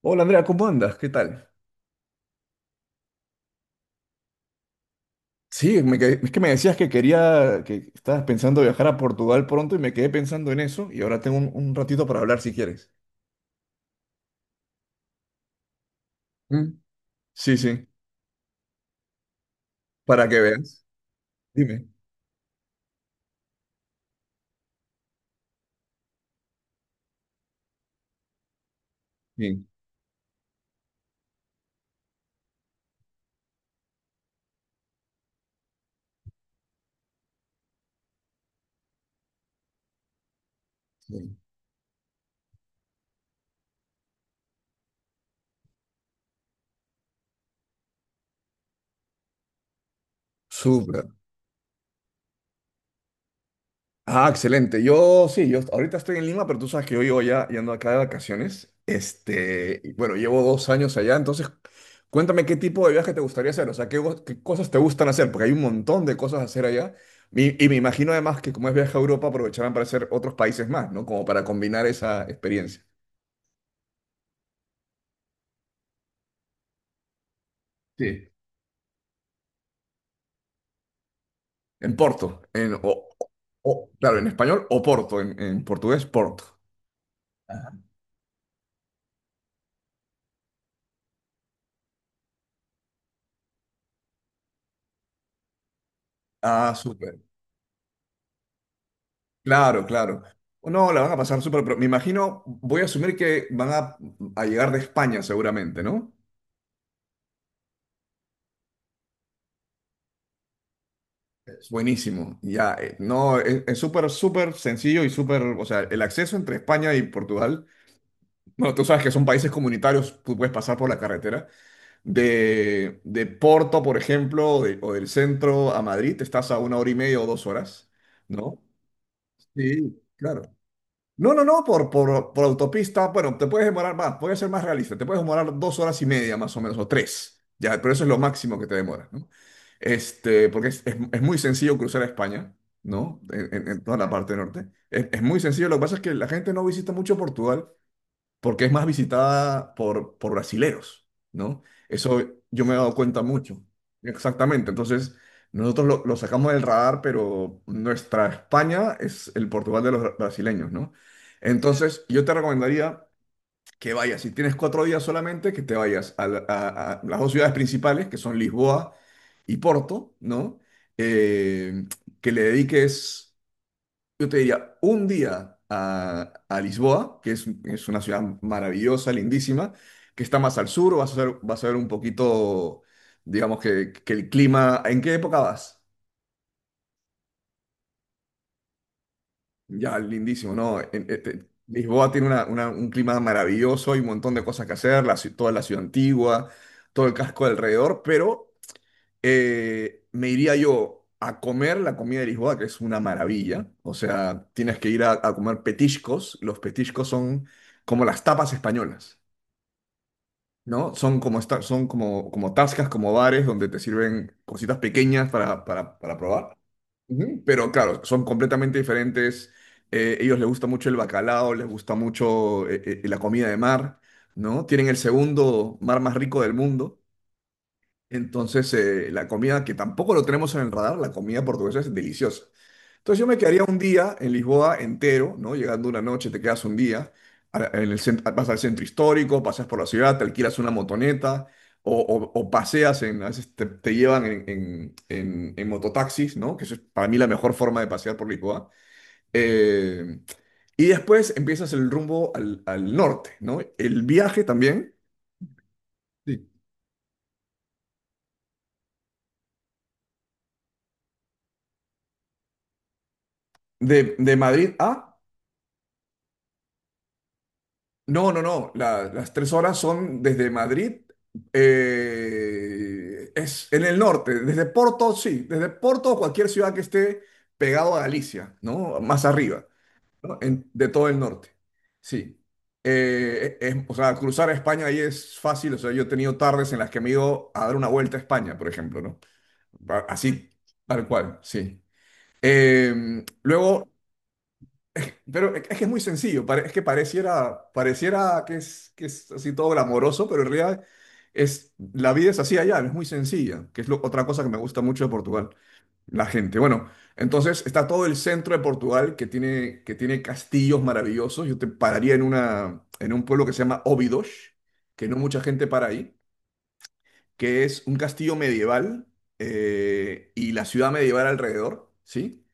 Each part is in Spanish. Hola Andrea, ¿cómo andas? ¿Qué tal? Sí, es que me decías que quería, que estabas pensando viajar a Portugal pronto y me quedé pensando en eso y ahora tengo un ratito para hablar si quieres. Mm. Sí, sí, para que veas. Dime. Sí, sí. Súper. Ah, excelente. Yo ahorita estoy en Lima, pero tú sabes que yo llevo ya y ando acá de vacaciones. Este, y bueno, llevo 2 años allá, entonces cuéntame qué tipo de viaje te gustaría hacer, o sea, qué cosas te gustan hacer, porque hay un montón de cosas a hacer allá. Y me imagino además que como es viaje a Europa, aprovecharán para hacer otros países más, ¿no? Como para combinar esa experiencia. Sí. En Porto, claro, en español, o Porto, en portugués, Porto. Ah, súper. Claro, claro. No, la van a pasar súper. Me imagino, voy a asumir que van a llegar de España seguramente, ¿no? Es buenísimo. Ya, no, es súper, súper sencillo y súper, o sea, el acceso entre España y Portugal, bueno, tú sabes que son países comunitarios, tú puedes pasar por la carretera. De Porto, por ejemplo, o del centro a Madrid, estás a una hora y media o 2 horas, ¿no? Sí, claro. No, no, no, por autopista, bueno, te puedes demorar más, puede ser más realista, te puedes demorar 2 horas y media más o menos, o tres, ya, pero eso es lo máximo que te demora, ¿no? Este, porque es muy sencillo cruzar a España, ¿no? En toda la parte norte. Es muy sencillo, lo que pasa es que la gente no visita mucho Portugal porque es más visitada por brasileros, ¿no? Eso yo me he dado cuenta mucho. Exactamente, entonces nosotros lo sacamos del radar, pero nuestra España es el Portugal de los brasileños, ¿no? Entonces yo te recomendaría que vayas, si tienes 4 días solamente, que te vayas a las dos ciudades principales, que son Lisboa y Porto, ¿no? Eh, que le dediques. Yo te diría un día a Lisboa, que es una ciudad maravillosa, lindísima, que está más al sur, vas a ver un poquito, digamos que el clima. ¿En qué época vas? Ya, lindísimo, ¿no? Este, Lisboa tiene un clima maravilloso, hay un montón de cosas que hacer, toda la ciudad antigua, todo el casco alrededor, pero me iría yo a comer la comida de Lisboa, que es una maravilla. O sea, tienes que ir a comer petiscos. Los petiscos son como las tapas españolas, ¿no? Son como tascas, como bares donde te sirven cositas pequeñas para probar. Ujú. Pero claro, son completamente diferentes. Ellos les gusta mucho el bacalao, les gusta mucho la comida de mar, ¿no? Tienen el segundo mar más rico del mundo. Entonces, la comida, que tampoco lo tenemos en el radar, la comida portuguesa es deliciosa. Entonces yo me quedaría un día en Lisboa entero, ¿no? Llegando una noche, te quedas un día, vas al centro histórico, pasas por la ciudad, te alquilas una motoneta o paseas, a veces te llevan en mototaxis, ¿no? Que eso es para mí la mejor forma de pasear por Lisboa. Eh, y después empiezas el rumbo al norte, ¿no? El viaje también. Sí. De Madrid a— No, no, no, las 3 horas son desde Madrid. Es en el norte, desde Porto, sí, desde Porto, o cualquier ciudad que esté pegado a Galicia, ¿no? Más arriba, ¿no? De todo el norte. Sí. O sea, cruzar a España ahí es fácil. O sea, yo he tenido tardes en las que me he ido a dar una vuelta a España, por ejemplo, ¿no? Así, tal cual, sí. Luego, pero es que es muy sencillo, es que pareciera que es así todo glamoroso, pero en realidad la vida es así allá, es muy sencilla, que es otra cosa que me gusta mucho de Portugal, la gente. Bueno, entonces está todo el centro de Portugal que tiene castillos maravillosos. Yo te pararía en un pueblo que se llama Óbidos, que no mucha gente para ahí, que es un castillo medieval, y la ciudad medieval alrededor, ¿sí?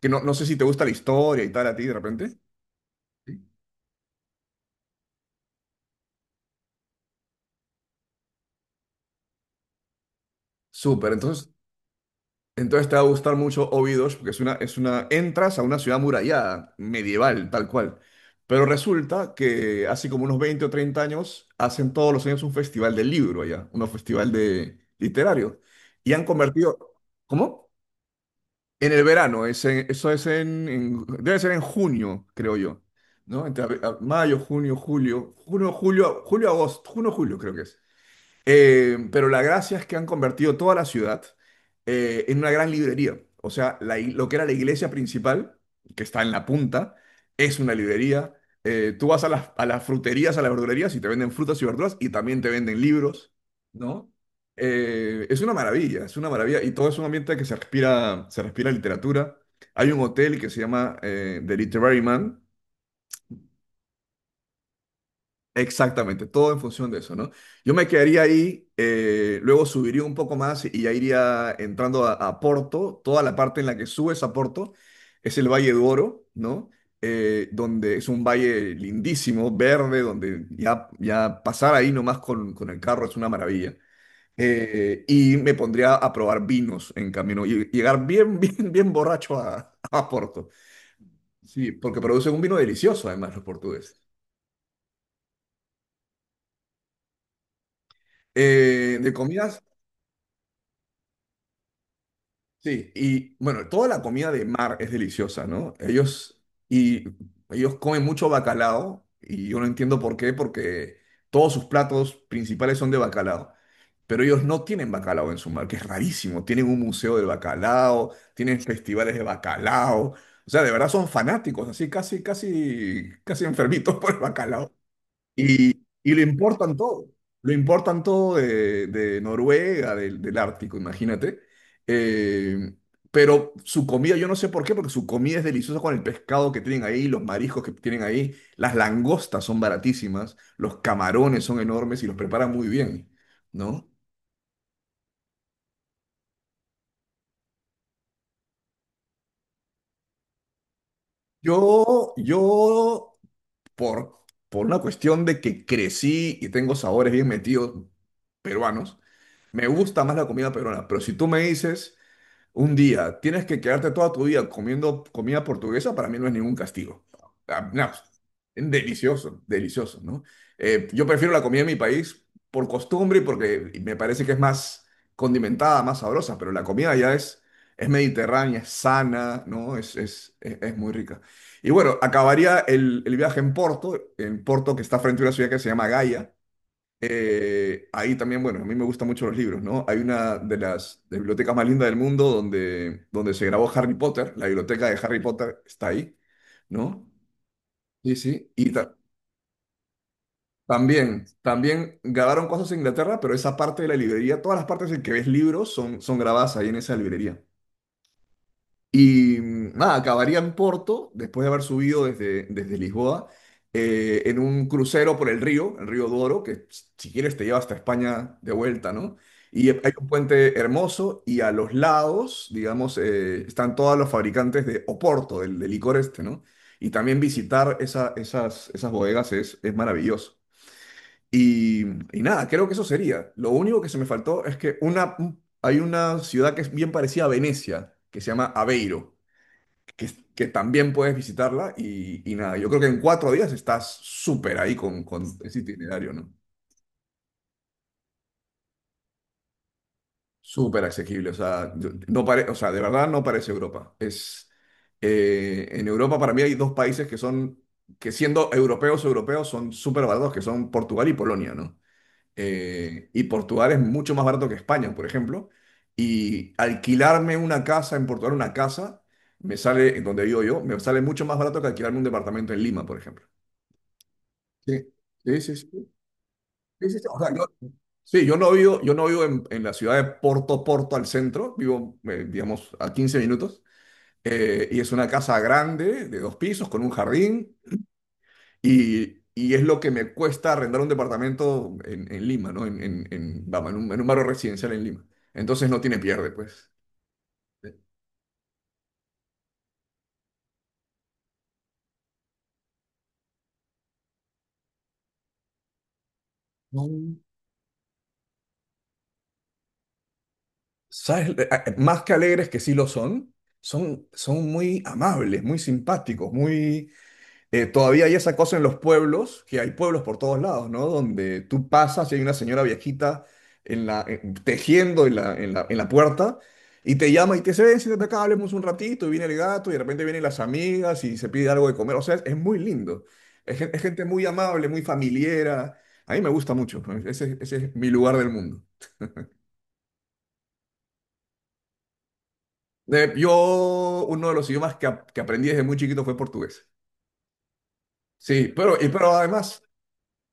Que no, no sé si te gusta la historia y tal a ti de repente. Súper, entonces te va a gustar mucho Obidos, porque entras a una ciudad murallada, medieval, tal cual. Pero resulta que hace como unos 20 o 30 años hacen todos los años un festival del libro allá, un festival de literario. Y han convertido. ¿Cómo? En el verano, eso es debe ser en junio, creo yo, ¿no? Entre mayo, junio, julio, julio, agosto, junio, julio creo que es. Pero la gracia es que han convertido toda la ciudad, en una gran librería. O sea, lo que era la iglesia principal, que está en la punta, es una librería. Tú vas a las fruterías, a las verdulerías y te venden frutas y verduras y también te venden libros, ¿no? Es una maravilla, es una maravilla. Y todo es un ambiente que se respira literatura. Hay un hotel que se llama, The Literary Man. Exactamente, todo en función de eso, ¿no? Yo me quedaría ahí, luego subiría un poco más y ya iría entrando a Porto. Toda la parte en la que subes a Porto es el Valle do Oro, ¿no? Donde es un valle lindísimo, verde, donde ya pasar ahí nomás con el carro es una maravilla. Y me pondría a probar vinos en camino y llegar bien, bien, bien borracho a Porto. Sí, porque producen un vino delicioso, además, los portugueses. De comidas. Sí, y bueno, toda la comida de mar es deliciosa, ¿no? Y, ellos comen mucho bacalao y yo no entiendo por qué, porque todos sus platos principales son de bacalao, pero ellos no tienen bacalao en su mar, que es rarísimo. Tienen un museo del bacalao, tienen festivales de bacalao, o sea, de verdad son fanáticos, así casi, casi, casi enfermitos por el bacalao. Y lo importan todo de Noruega, del Ártico, imagínate. Eh, pero su comida, yo no sé por qué, porque su comida es deliciosa con el pescado que tienen ahí, los mariscos que tienen ahí, las langostas son baratísimas, los camarones son enormes y los preparan muy bien, ¿no? Yo, yo, por, por una cuestión de que crecí y tengo sabores bien metidos peruanos, me gusta más la comida peruana, pero si tú me dices. Un día, tienes que quedarte toda tu vida comiendo comida portuguesa, para mí no es ningún castigo. Ah, no, delicioso, delicioso, ¿no? Yo prefiero la comida de mi país por costumbre y porque me parece que es más condimentada, más sabrosa, pero la comida ya es mediterránea, es sana, ¿no? Es muy rica. Y bueno, acabaría el viaje en Porto. En Porto, que está frente a una ciudad que se llama Gaia. Ahí también, bueno, a mí me gustan mucho los libros, ¿no? Hay una de las de bibliotecas más lindas del mundo, donde se grabó Harry Potter, la biblioteca de Harry Potter está ahí, ¿no? Sí, sí. Y también grabaron cosas en Inglaterra, pero esa parte de la librería, todas las partes en que ves libros son grabadas ahí en esa librería. Y nada, acabaría en Porto, después de haber subido desde Lisboa, en un crucero por el río Douro, que si quieres te lleva hasta España de vuelta, ¿no? Y hay un puente hermoso y a los lados, digamos, están todos los fabricantes de Oporto, del licor este, ¿no? Y también visitar esas bodegas es maravilloso. Y, y nada, creo que eso sería. Lo único que se me faltó es hay una ciudad que es bien parecida a Venecia, que se llama Aveiro, que, que también puedes visitarla y nada, yo creo que en 4 días estás súper ahí con ese itinerario, ¿no? Súper asequible, o sea, yo- no pare- o sea, de verdad no parece Europa. En Europa, para mí hay dos países que que siendo europeos europeos son súper baratos, que son Portugal y Polonia, ¿no? Y Portugal es mucho más barato que España, por ejemplo, y alquilarme una casa en Portugal, una casa, me sale, en donde vivo yo, me sale mucho más barato que alquilarme un departamento en Lima, por ejemplo. Sí, sí, sí, sí, sí, sí, sí. O sea, yo, sí, yo no vivo en la ciudad de Porto Porto al centro, vivo, digamos, a 15 minutos, y es una casa grande, de dos pisos, con un jardín, y es lo que me cuesta arrendar un departamento en Lima, ¿no? Vamos, en un barrio residencial en Lima. Entonces no tiene pierde, pues. No. ¿Sabes? Más que alegres, que sí lo son, son muy amables, muy simpáticos, muy todavía hay esa cosa en los pueblos, que hay pueblos por todos lados, ¿no? Donde tú pasas y hay una señora viejita tejiendo en la puerta y te llama y te dice, ven, siéntate acá, hablemos un ratito, y viene el gato y de repente vienen las amigas y se pide algo de comer. O sea, es muy lindo. Es gente muy amable, muy familiera. A mí me gusta mucho, ¿no? Ese es mi lugar del mundo. Uno de los idiomas que aprendí desde muy chiquito fue portugués. Sí,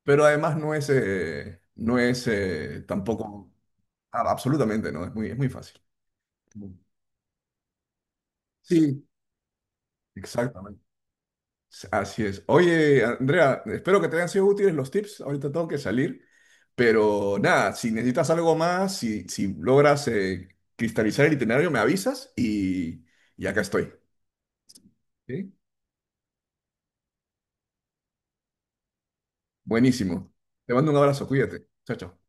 Pero además no es tampoco, absolutamente no, es muy fácil. Sí. Exactamente. Así es. Oye, Andrea, espero que te hayan sido útiles los tips. Ahorita tengo que salir. Pero nada, si necesitas algo más, si logras, cristalizar el itinerario, me avisas y acá estoy. ¿Sí? Buenísimo. Te mando un abrazo, cuídate. Chao, chao.